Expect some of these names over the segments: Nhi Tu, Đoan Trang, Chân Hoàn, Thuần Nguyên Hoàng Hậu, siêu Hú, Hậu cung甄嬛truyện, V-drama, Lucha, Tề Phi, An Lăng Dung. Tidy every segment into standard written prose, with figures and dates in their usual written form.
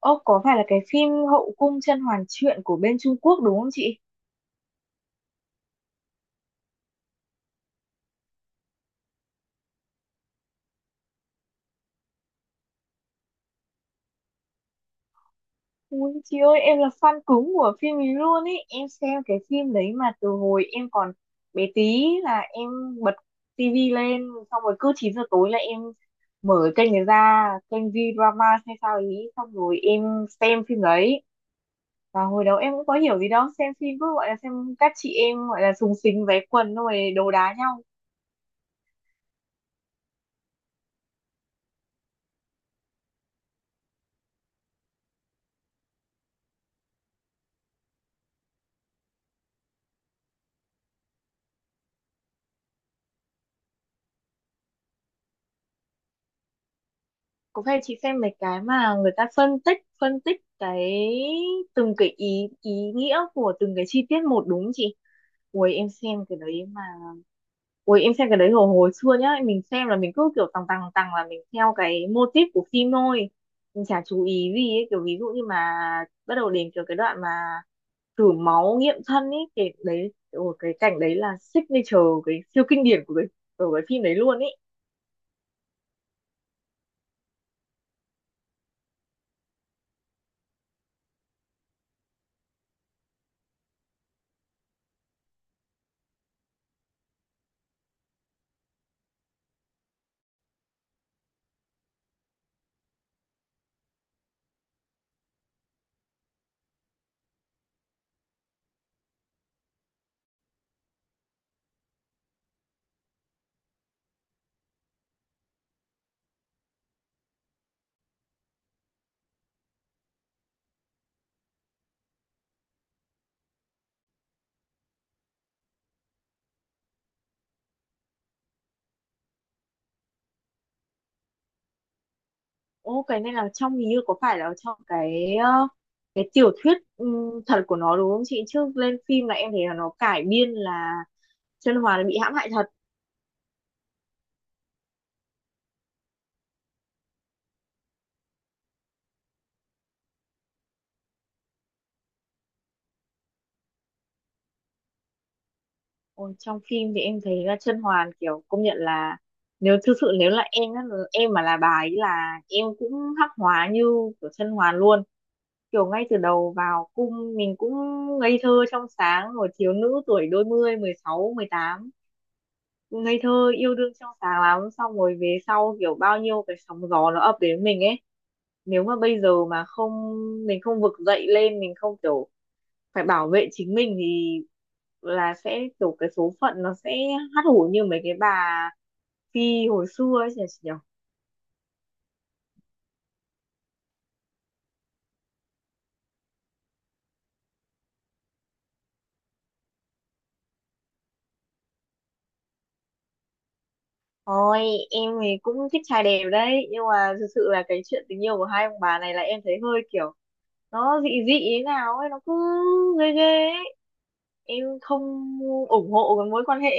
Ơ có phải là cái phim Hậu cung甄嬛truyện của bên Trung Quốc đúng không chị? Ui chị ơi, em là fan cứng của phim ấy luôn ý. Em xem cái phim đấy mà từ hồi em còn bé tí là em bật tivi lên. Xong rồi cứ 9 giờ tối là em mở kênh này ra, kênh V-drama hay sao ý. Xong rồi em xem phim đấy. Và hồi đó em cũng có hiểu gì đâu, xem phim cứ gọi là xem, các chị em gọi là súng xính váy quần, xong rồi đồ đá nhau. Cũng hay, chị xem mấy cái mà người ta phân tích cái từng cái ý ý nghĩa của từng cái chi tiết một đúng không chị? Ui em xem cái đấy mà, ui em xem cái đấy hồi hồi xưa nhá, mình xem là mình cứ kiểu tằng tằng tằng là mình theo cái mô típ của phim thôi, mình chả chú ý gì ấy. Kiểu ví dụ như mà bắt đầu đến kiểu cái đoạn mà thử máu nghiệm thân ấy, cái đấy ôi, cái cảnh đấy là signature, cái siêu kinh điển của cái phim đấy luôn ý. Ô cái này là trong hình như có phải là trong cái cái tiểu thuyết thật của nó đúng không chị? Trước lên phim là em thấy là nó cải biên là Chân Hoàn bị hãm hại thật. Ôi, trong phim thì em thấy là Chân Hoàn kiểu công nhận là, nếu thực sự nếu là em á, em mà là bà ấy là em cũng hắc hóa như của Chân Hoàn luôn. Kiểu ngay từ đầu vào cung mình cũng ngây thơ trong sáng rồi, thiếu nữ tuổi đôi mươi, mười sáu mười tám, ngây thơ yêu đương trong sáng lắm, xong rồi về sau kiểu bao nhiêu cái sóng gió nó ập đến mình ấy, nếu mà bây giờ mà không, mình không vực dậy lên, mình không kiểu phải bảo vệ chính mình, thì là sẽ kiểu cái số phận nó sẽ hắt hủi như mấy cái bà phi hồi xưa ấy nhỉ. Ôi em thì cũng thích trai đẹp đấy, nhưng mà thực sự là cái chuyện tình yêu của hai ông bà này là em thấy hơi kiểu nó dị dị thế nào ấy, nó cứ ghê ghê ấy. Em không ủng hộ cái mối quan hệ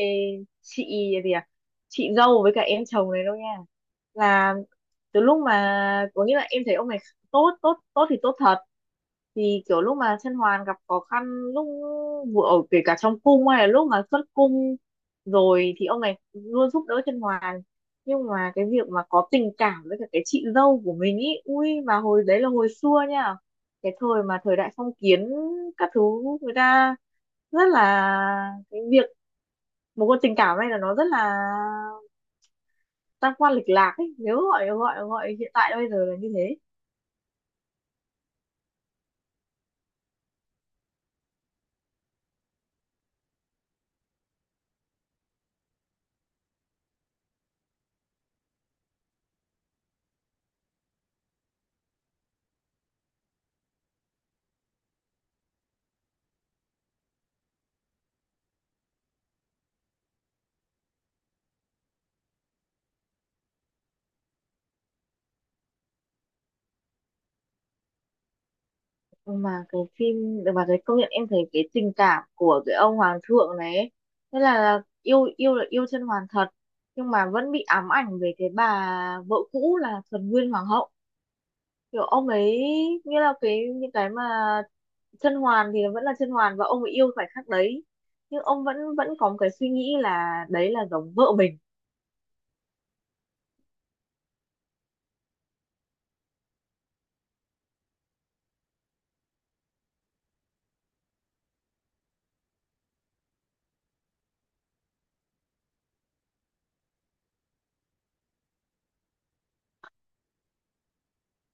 chị gì à, chị dâu với cả em chồng này đâu nha. Là từ lúc mà có nghĩa là em thấy ông này tốt tốt tốt thì tốt thật, thì kiểu lúc mà Chân Hoàn gặp khó khăn, lúc vừa ở kể cả trong cung hay là lúc mà xuất cung rồi, thì ông này luôn giúp đỡ Chân Hoàng. Nhưng mà cái việc mà có tình cảm với cả cái chị dâu của mình ý, ui mà hồi đấy là hồi xưa nha, cái thời mà thời đại phong kiến các thứ, người ta rất là cái việc một con tình cảm này là nó rất là tam quan lịch lạc ấy, nếu gọi gọi gọi hiện tại bây giờ là như thế. Mà cái phim, mà cái công nhận em thấy cái tình cảm của cái ông hoàng thượng này ấy, thế là yêu yêu là yêu Chân Hoàn thật, nhưng mà vẫn bị ám ảnh về cái bà vợ cũ là Thuần Nguyên hoàng hậu. Kiểu ông ấy như là cái những cái mà Chân Hoàn thì vẫn là Chân Hoàn, và ông ấy yêu khoảnh khắc đấy, nhưng ông vẫn vẫn có một cái suy nghĩ là đấy là giống vợ mình.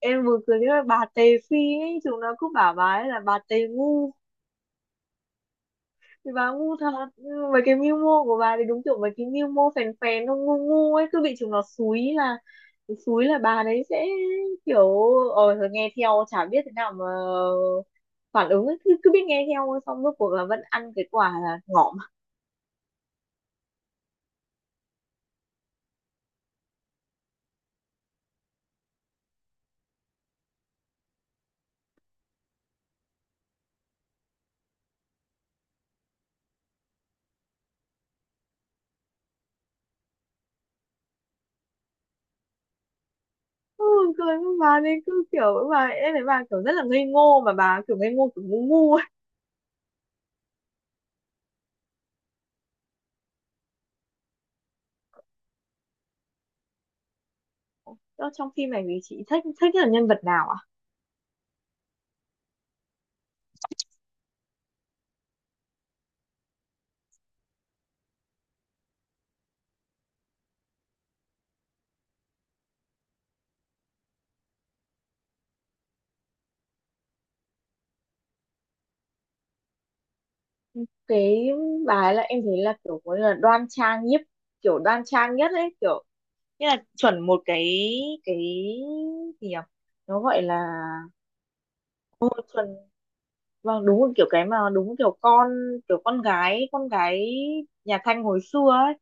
Em vừa cười với bà Tề Phi ấy, chúng nó cứ bảo bà ấy là bà Tề ngu, thì bà ngu thật. Nhưng mà mấy cái mưu mô của bà thì đúng kiểu mấy cái mưu mô phèn phèn nó ngu ngu ấy, cứ bị chúng nó xúi là, xúi là bà đấy sẽ kiểu thôi nghe theo chả biết thế nào mà phản ứng ấy. Cứ biết nghe theo thôi, xong rốt cuộc là vẫn ăn cái quả là ngọm. Ừ, cười với bà, nên cứ kiểu bà em thấy bà kiểu rất là ngây ngô, mà bà kiểu ngây ngô kiểu ngu ngu ấy. Đó, trong phim này thì chị thích thích là nhân vật nào à? Cái bà ấy là em thấy là kiểu có là đoan trang nhất, kiểu đoan trang nhất ấy, kiểu nghĩa là chuẩn một cái gì nhỉ, nó gọi là, chuẩn. Vâng, đúng một kiểu cái mà, đúng một kiểu con, kiểu con gái nhà Thanh hồi xưa ấy.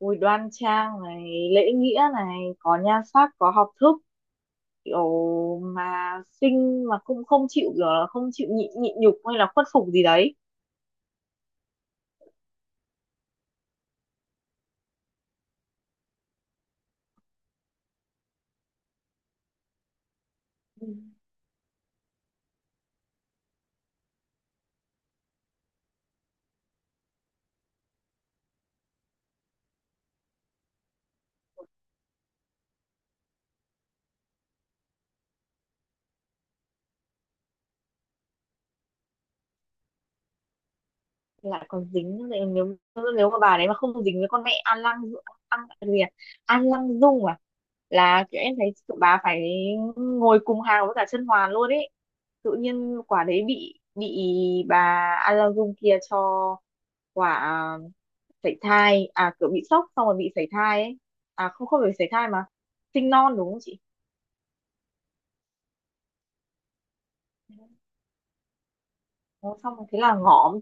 Bùi đoan trang này, lễ nghĩa này, có nhan sắc, có học thức, kiểu mà xinh mà cũng không chịu kiểu là không chịu nhịn nhịn nhục hay là khuất phục gì đấy. Lại còn dính nữa. Nếu nếu mà bà đấy mà không dính với con mẹ An Lăng, An gì à, An Lăng Dung à, là kiểu em thấy tụi bà phải ngồi cùng hàng với cả Chân Hoàn luôn ấy. Tự nhiên quả đấy bị bà An Lăng Dung kia cho quả sảy thai à, kiểu bị sốc xong rồi bị sảy thai ấy. À không, không phải sảy thai mà sinh non đúng không chị? Nó xong rồi thế là ngõm.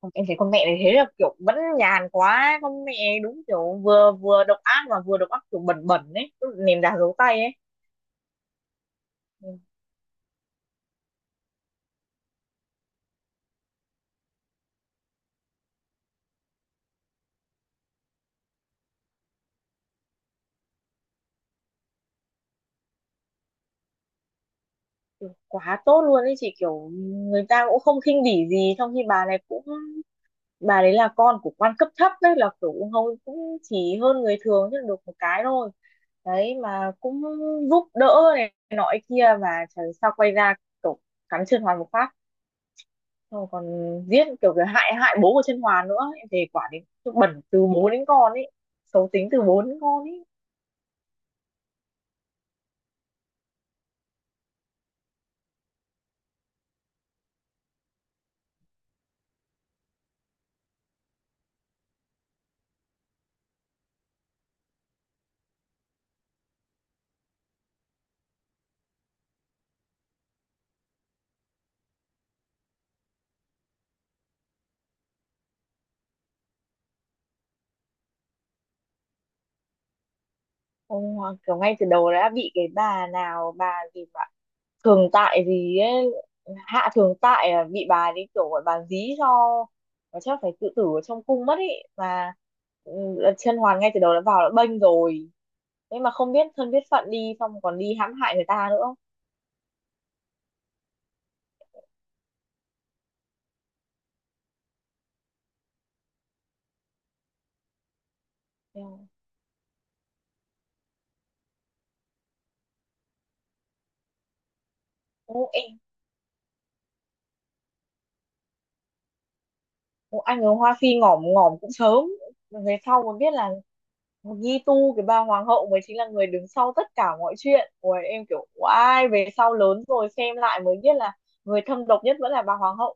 Không, em thấy con mẹ này thế là kiểu vẫn nhàn quá con mẹ, đúng kiểu vừa vừa độc ác, mà vừa độc ác kiểu bẩn bẩn ấy, kiểu ném đá giấu tay ấy. Ừ, kiểu quá tốt luôn ấy chị, kiểu người ta cũng không khinh bỉ gì, trong khi bà này cũng, bà đấy là con của quan cấp thấp đấy, là kiểu cũng hầu cũng chỉ hơn người thường chứ được một cái thôi, đấy mà cũng giúp đỡ này nọ kia, mà trời sao quay ra kiểu cắn Chân Hoàn một phát. Xong còn giết kiểu cái hại hại bố của Chân Hoàn nữa, em thề quả đến bẩn từ bố đến con ấy, xấu tính từ bố đến con ấy. Ông kiểu ngay từ đầu đã bị cái bà nào bà gì mà thường tại gì ấy, hạ thường tại à, bị bà đi kiểu gọi bà dí cho, và chắc phải tự tử ở trong cung mất ấy mà. Ừ, Chân Hoàn ngay từ đầu đã vào đã bênh rồi, thế mà không biết thân biết phận đi xong còn đi hãm hại người ta nữa. Eo, ô, em. Ủa, anh ở Hoa Phi ngỏm ngỏm cũng sớm. Về sau mới biết là Nhi Tu, cái bà hoàng hậu mới chính là người đứng sau tất cả mọi chuyện. Ủa, em kiểu oai, về sau lớn rồi xem lại mới biết là người thâm độc nhất vẫn là bà hoàng hậu.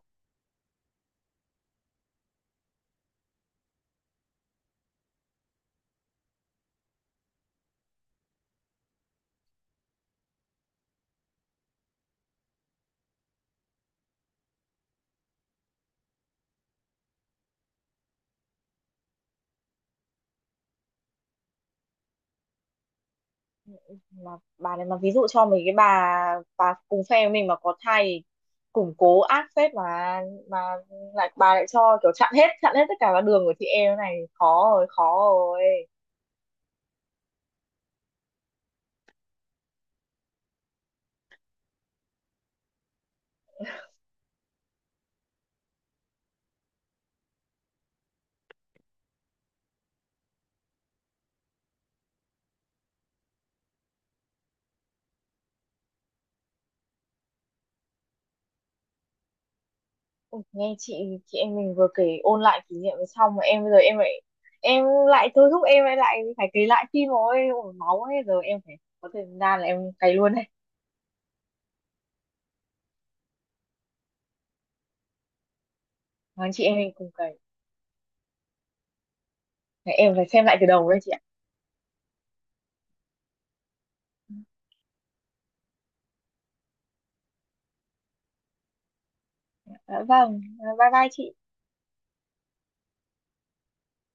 Mà bà này mà ví dụ cho mình cái bà cùng phe với mình mà có thai thì củng cố ác phết, mà lại bà lại cho kiểu chặn hết tất cả các đường của chị em này, khó rồi, khó rồi. Ôi, nghe chị em mình vừa kể ôn lại kỷ niệm xong mà em bây giờ em lại, em lại thôi thúc em lại lại phải kể lại phim rồi. Ôi máu ấy, giờ em phải có thời gian là em cày luôn đây. Mang chị em mình cùng cày. Để em phải xem lại từ đầu đây chị ạ. Dạ vâng, bye bye chị.